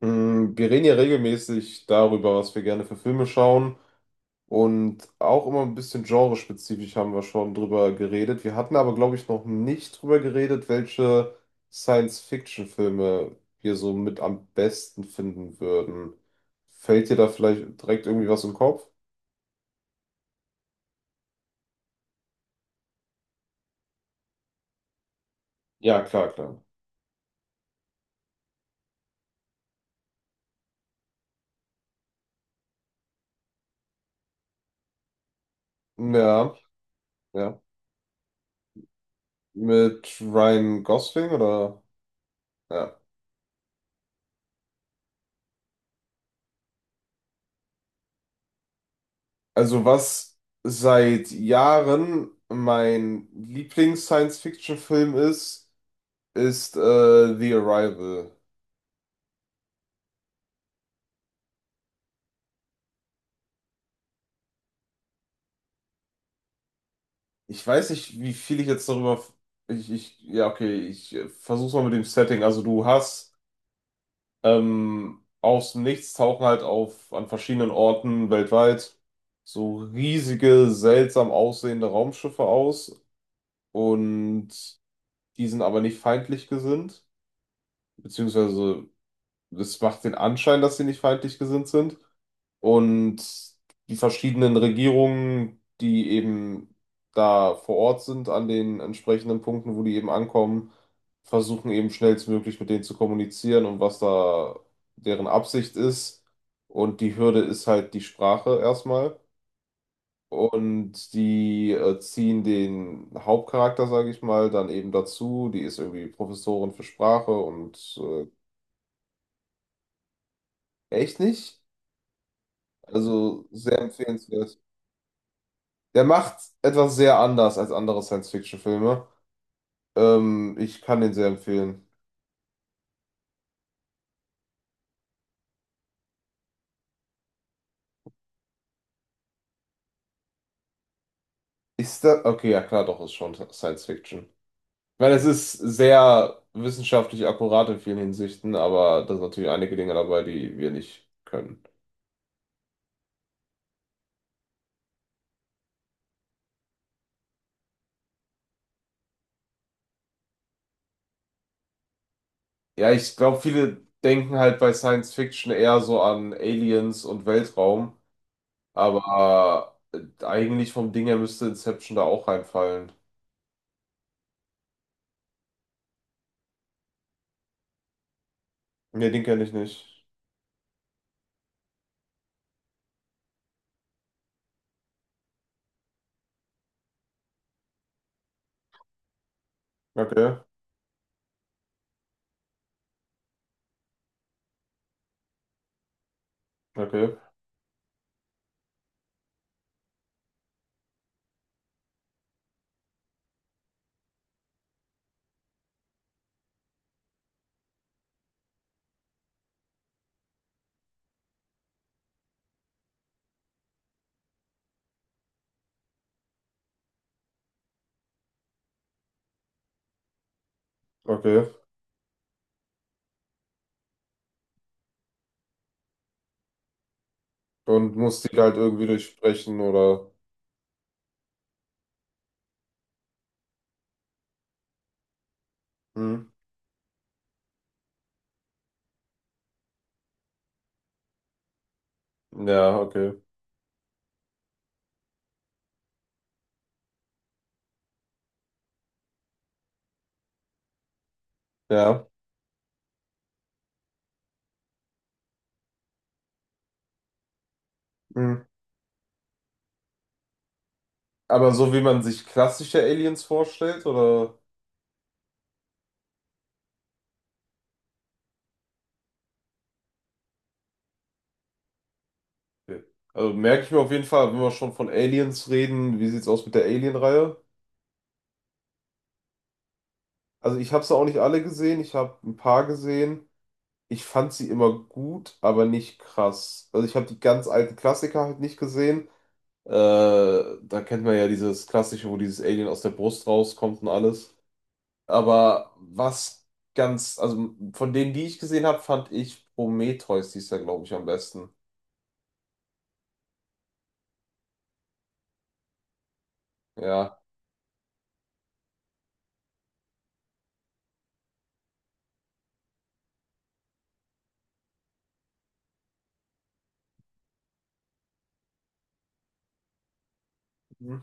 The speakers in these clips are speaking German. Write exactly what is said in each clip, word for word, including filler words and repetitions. Mm, Wir reden ja regelmäßig darüber, was wir gerne für Filme schauen. Und auch immer ein bisschen genrespezifisch haben wir schon drüber geredet. Wir hatten aber, glaube ich, noch nicht drüber geredet, welche Science-Fiction-Filme wir so mit am besten finden würden. Fällt dir da vielleicht direkt irgendwie was im Kopf? Ja, klar, klar. Ja, ja. Mit Ryan Gosling oder? Ja. Also was seit Jahren mein Lieblings-Science-Fiction-Film ist, ist äh, The Arrival. Ich weiß nicht, wie viel ich jetzt darüber... Ich, ich, ja, okay, ich äh, versuch's mal mit dem Setting. Also du hast ähm, aus dem Nichts tauchen halt auf an verschiedenen Orten weltweit so riesige, seltsam aussehende Raumschiffe aus, und die sind aber nicht feindlich gesinnt, beziehungsweise das macht den Anschein, dass sie nicht feindlich gesinnt sind. Und die verschiedenen Regierungen, die eben da vor Ort sind, an den entsprechenden Punkten, wo die eben ankommen, versuchen eben schnellstmöglich mit denen zu kommunizieren, und was da deren Absicht ist. Und die Hürde ist halt die Sprache erstmal. Und die äh, ziehen den Hauptcharakter, sage ich mal, dann eben dazu. Die ist irgendwie Professorin für Sprache und äh, echt nicht? Also sehr empfehlenswert. Der macht etwas sehr anders als andere Science-Fiction-Filme. Ähm, ich kann den sehr empfehlen. Ist das? Okay, ja klar, doch, ist schon Science-Fiction. Ich meine, es ist sehr wissenschaftlich akkurat in vielen Hinsichten, aber da sind natürlich einige Dinge dabei, die wir nicht können. Ja, ich glaube, viele denken halt bei Science-Fiction eher so an Aliens und Weltraum, aber äh, eigentlich vom Ding her müsste Inception da auch reinfallen. Nee, den kenne ich nicht. Okay, okay. Okay. Und muss die halt irgendwie durchsprechen oder. Hm. Ja, okay. Ja. Hm. Aber so wie man sich klassische Aliens vorstellt, oder? Okay. Also merke ich mir auf jeden Fall, wenn wir schon von Aliens reden, wie sieht's aus mit der Alien-Reihe? Also ich habe sie auch nicht alle gesehen, ich habe ein paar gesehen. Ich fand sie immer gut, aber nicht krass. Also ich habe die ganz alten Klassiker halt nicht gesehen. Äh, Da kennt man ja dieses klassische, wo dieses Alien aus der Brust rauskommt und alles. Aber was ganz, also von denen, die ich gesehen habe, fand ich Prometheus, die ist, glaube ich, am besten. Ja. Mhm.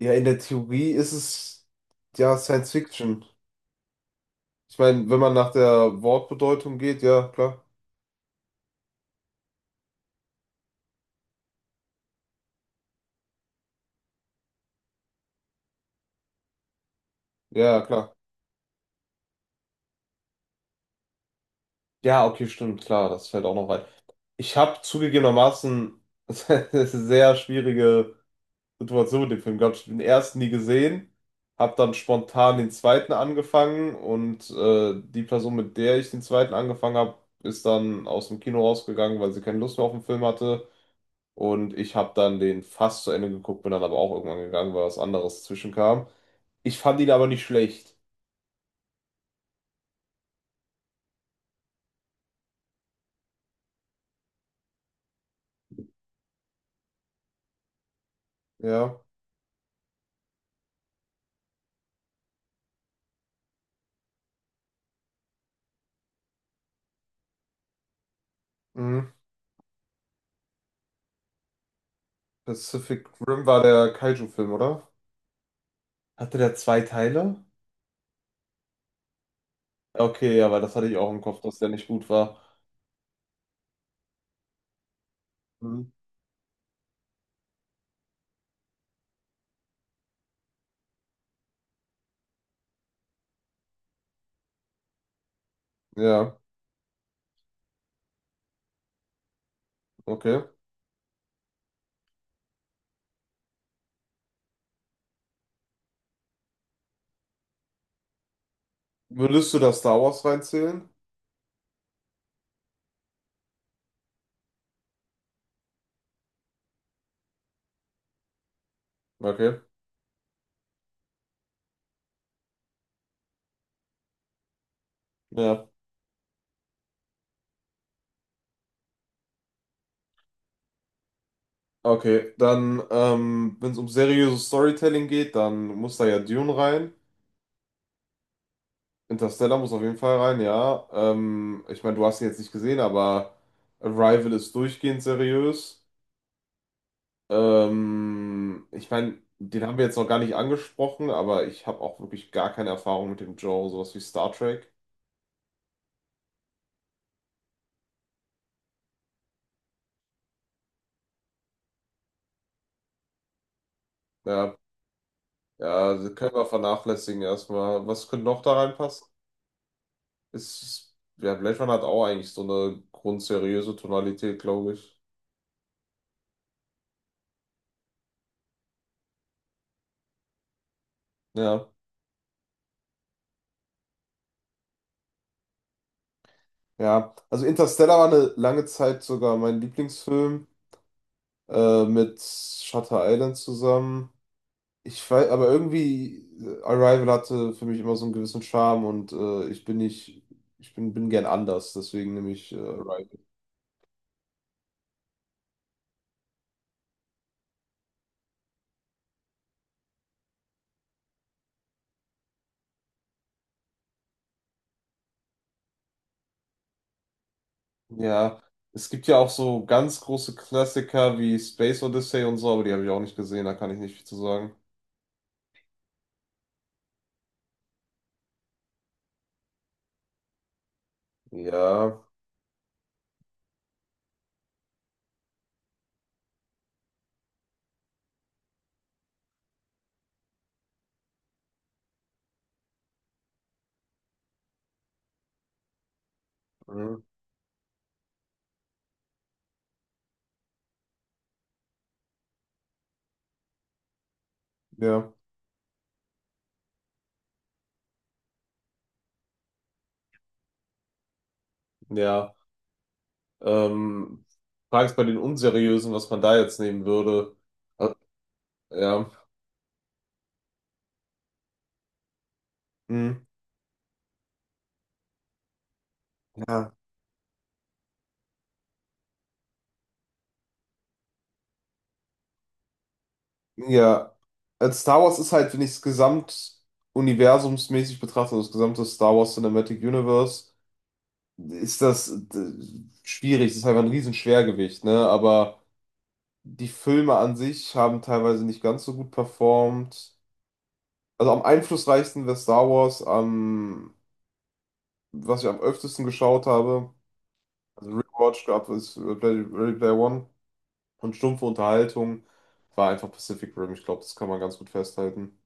Ja, in der Theorie ist es ja Science Fiction. Ich meine, wenn man nach der Wortbedeutung geht, ja, klar. Ja, ja, klar. Ja, okay, stimmt, klar, das fällt auch noch rein. Ich habe zugegebenermaßen sehr schwierige Situation mit dem Film gehabt. Ich habe den ersten nie gesehen, habe dann spontan den zweiten angefangen und äh, die Person, mit der ich den zweiten angefangen habe, ist dann aus dem Kino rausgegangen, weil sie keine Lust mehr auf den Film hatte. Und ich habe dann den fast zu Ende geguckt, bin dann aber auch irgendwann gegangen, weil was anderes zwischenkam. Ich fand ihn aber nicht schlecht. Ja. Mhm. Pacific Rim war der Kaiju-Film, oder? Hatte der zwei Teile? Okay, ja, weil das hatte ich auch im Kopf, dass der nicht gut war. Mhm. Ja, okay. Würdest du da Star Wars reinzählen? Okay, ja. Okay, dann, ähm, wenn es um seriöses Storytelling geht, dann muss da ja Dune rein. Interstellar muss auf jeden Fall rein, ja. Ähm, ich meine, du hast ihn jetzt nicht gesehen, aber Arrival ist durchgehend seriös. Ähm, ich meine, den haben wir jetzt noch gar nicht angesprochen, aber ich habe auch wirklich gar keine Erfahrung mit dem Genre, sowas wie Star Trek. Ja, ja, das können wir vernachlässigen erstmal. Was könnte noch da reinpassen? Ist, ja, Blade Runner hat auch eigentlich so eine grundseriöse Tonalität, glaube ich. Ja, ja. Also Interstellar war eine lange Zeit sogar mein Lieblingsfilm äh, mit Shutter Island zusammen. Ich weiß, aber irgendwie äh, Arrival hatte für mich immer so einen gewissen Charme und äh, ich bin nicht, ich bin, bin gern anders, deswegen nehme ich äh, Arrival. Ja, es gibt ja auch so ganz große Klassiker wie Space Odyssey und so, aber die habe ich auch nicht gesehen, da kann ich nicht viel zu sagen. Ja, mhm, ja. Ja, ähm, frage ich bei den Unseriösen, was man da jetzt nehmen würde. Äh, Ja, hm, ja, ja. Also Star Wars ist halt, wenn ich es gesamt universumsmäßig betrachte, also das gesamte Star Wars Cinematic Universe, ist das äh, schwierig. Das ist einfach ein Riesenschwergewicht, ne? Aber die Filme an sich haben teilweise nicht ganz so gut performt. Also am einflussreichsten wäre Star Wars, am, was ich am öftesten geschaut habe. Also Rewatch gab es äh, Ready Ready Player One, und stumpfe Unterhaltung war einfach Pacific Rim. Ich glaube, das kann man ganz gut festhalten.